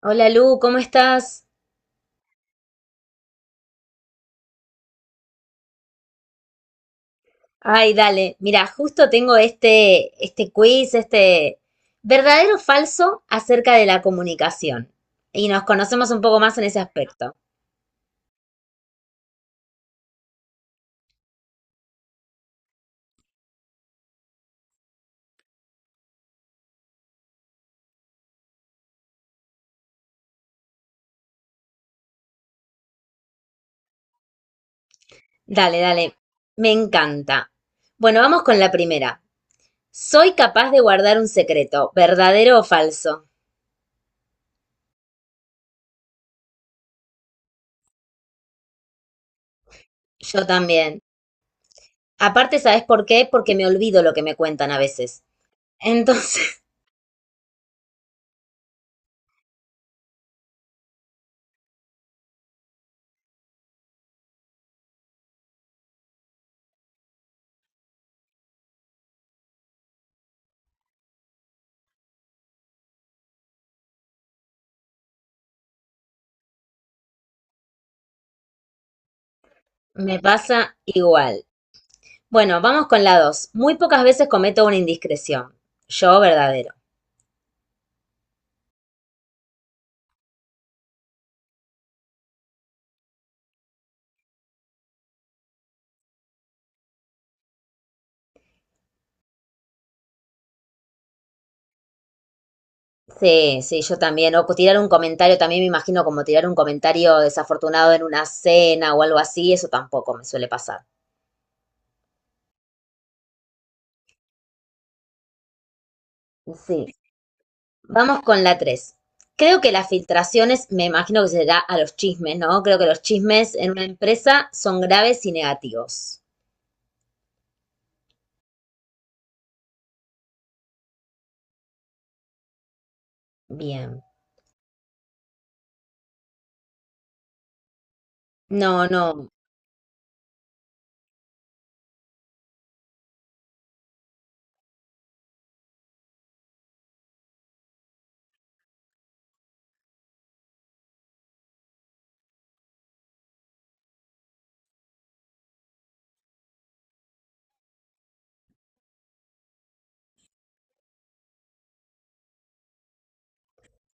Hola Lu, ¿cómo estás? Ay, dale, mira, justo tengo este quiz, verdadero o falso acerca de la comunicación. Y nos conocemos un poco más en ese aspecto. Dale, dale, me encanta. Bueno, vamos con la primera. ¿Soy capaz de guardar un secreto, verdadero o falso? Yo también. Aparte, ¿sabes por qué? Porque me olvido lo que me cuentan a veces. Entonces, me pasa igual. Bueno, vamos con la dos. Muy pocas veces cometo una indiscreción. Yo, verdadero. Sí, sí, yo también. O pues tirar un comentario, también me imagino como tirar un comentario desafortunado en una cena o algo así, eso tampoco me suele pasar. Sí. Vamos con la tres. Creo que las filtraciones, me imagino que será a los chismes, ¿no? Creo que los chismes en una empresa son graves y negativos. Bien. No, no,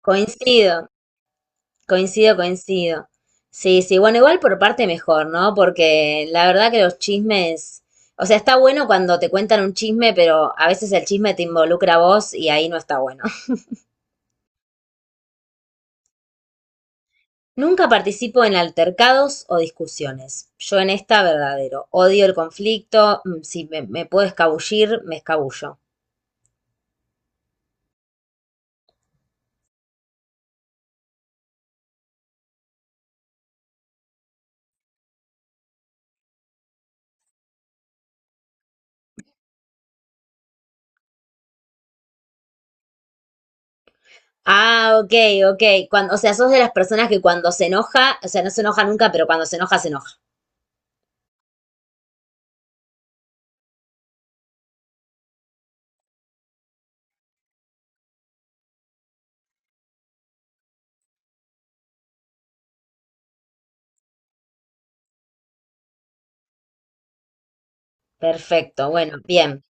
coincido. Coincido, coincido. Sí, sí, bueno, igual por parte mejor, ¿no? Porque la verdad que los chismes, o sea, está bueno cuando te cuentan un chisme, pero a veces el chisme te involucra a vos y ahí no está bueno. Nunca participo en altercados o discusiones. Yo en esta verdadero. Odio el conflicto, si me puedo escabullir, me escabullo. Ah, ok, ok. Cuando, o sea, sos de las personas que cuando se enoja, o sea, no se enoja nunca, pero cuando se enoja, se enoja. Perfecto, bueno, bien.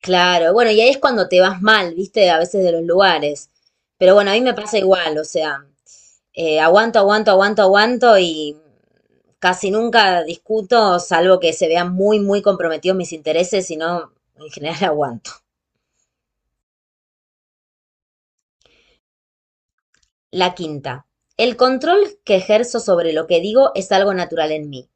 Claro, bueno, y ahí es cuando te vas mal, ¿viste? A veces de los lugares. Pero bueno, a mí me pasa igual, o sea, aguanto, aguanto, aguanto, aguanto y casi nunca discuto, salvo que se vean muy, muy comprometidos mis intereses, sino en general aguanto. La quinta, el control que ejerzo sobre lo que digo es algo natural en mí.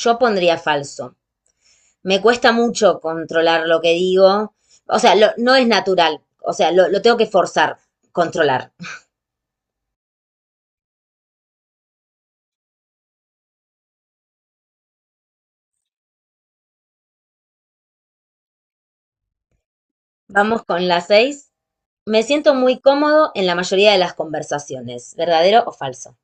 Yo pondría falso. Me cuesta mucho controlar lo que digo, o sea, lo- no es natural, o sea, lo tengo que forzar, controlar. Vamos con la seis. Me siento muy cómodo en la mayoría de las conversaciones, verdadero o falso.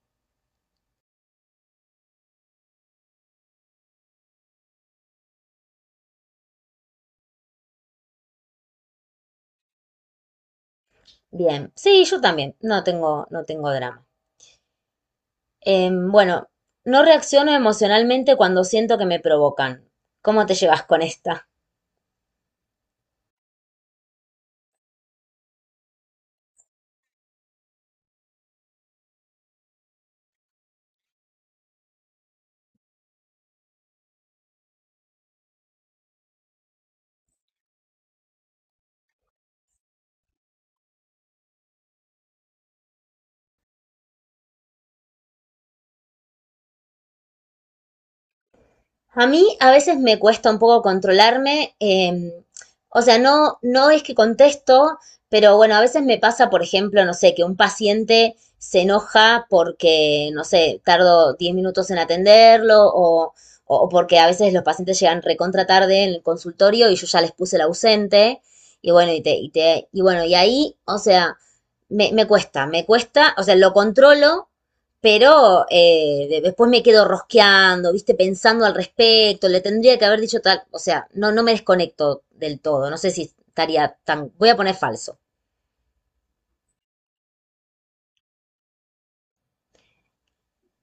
Bien, sí, yo también, no tengo, no tengo drama. Bueno, no reacciono emocionalmente cuando siento que me provocan. ¿Cómo te llevas con esta? A mí a veces me cuesta un poco controlarme, o sea, no, no es que contesto, pero bueno, a veces me pasa, por ejemplo, no sé, que un paciente se enoja porque, no sé, tardo 10 minutos en atenderlo o porque a veces los pacientes llegan recontra tarde en el consultorio y yo ya les puse el ausente y bueno, y bueno, y ahí, o sea, me cuesta, o sea, lo controlo, pero después me quedo rosqueando, viste, pensando al respecto, le tendría que haber dicho tal, o sea, no, no me desconecto del todo, no sé si estaría tan, voy a poner falso.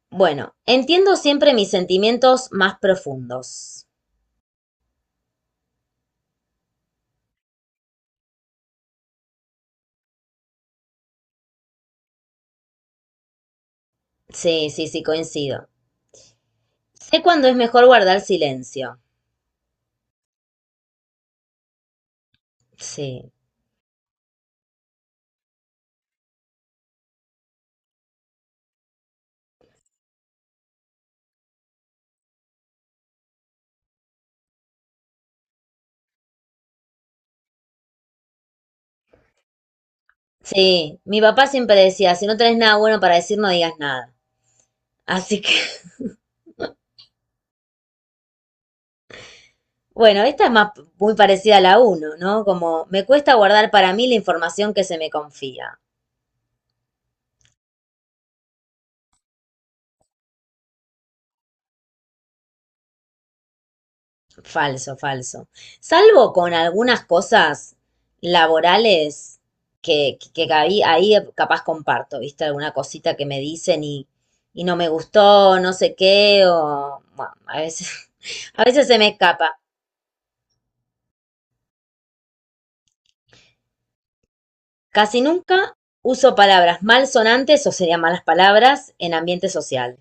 Bueno, entiendo siempre mis sentimientos más profundos. Sí, sí, sí, coincido. Sé cuándo es mejor guardar silencio. Sí, sí, mi papá siempre decía, si no tenés nada bueno para decir, no digas nada. Así que, bueno, esta es más muy parecida a la uno, ¿no? Como me cuesta guardar para mí la información que se me confía. Falso, falso. Salvo con algunas cosas laborales que ahí, ahí capaz comparto, ¿viste? Alguna cosita que me dicen y no me gustó, no sé qué, o bueno, a veces, a veces se me escapa. Casi nunca uso palabras malsonantes o serían malas palabras en ambiente social.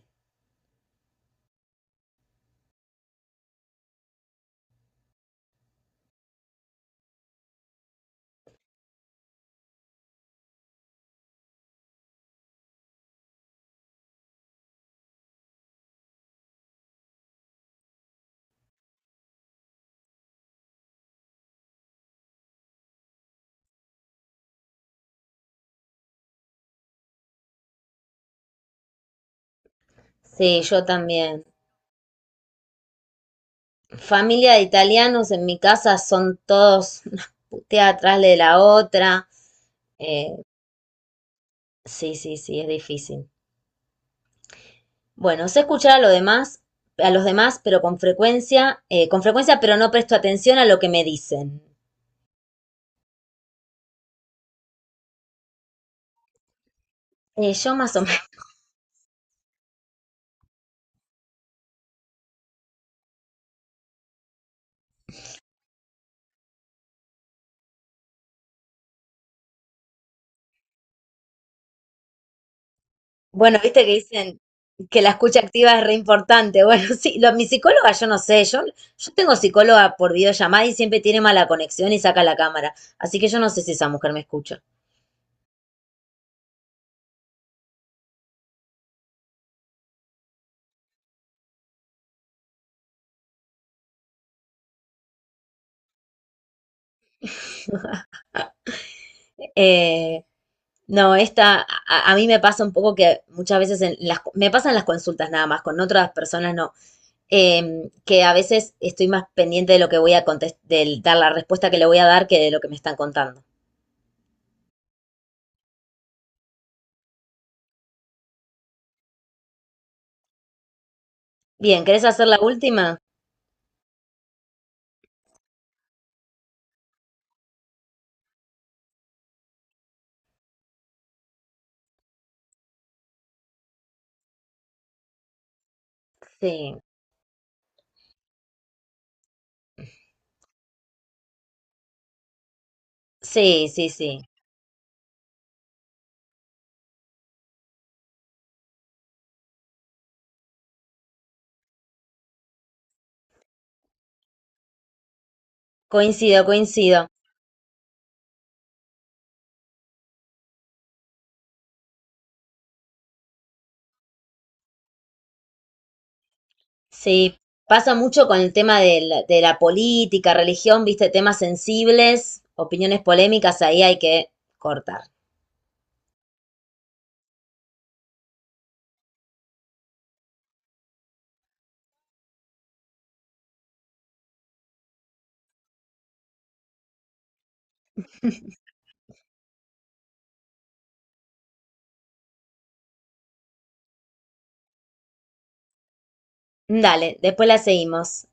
Sí, yo también. Familia de italianos en mi casa son todos una putea atrás de la otra. Eh, sí, sí, sí, es difícil. Bueno, sé escuchar a lo demás, a los demás, pero con frecuencia, pero no presto atención a lo que me dicen. Yo más o menos. Bueno, viste que dicen que la escucha activa es re importante. Bueno, sí, lo- mi psicóloga, yo no sé, yo tengo psicóloga por videollamada y siempre tiene mala conexión y saca la cámara. Así que yo no sé si esa mujer me escucha. Eh, no, esta, a mí me pasa un poco que muchas veces en las, me pasan las consultas nada más, con otras personas no. Eh, que a veces estoy más pendiente de lo que voy a contestar, de dar la respuesta que le voy a dar que de lo que me están contando. Bien, ¿querés hacer la última? Sí, sí, sí, sí. Coincido, coincido. Sí, pasa mucho con el tema de de la política, religión, viste, temas sensibles, opiniones polémicas, ahí hay que cortar. Dale, después la seguimos.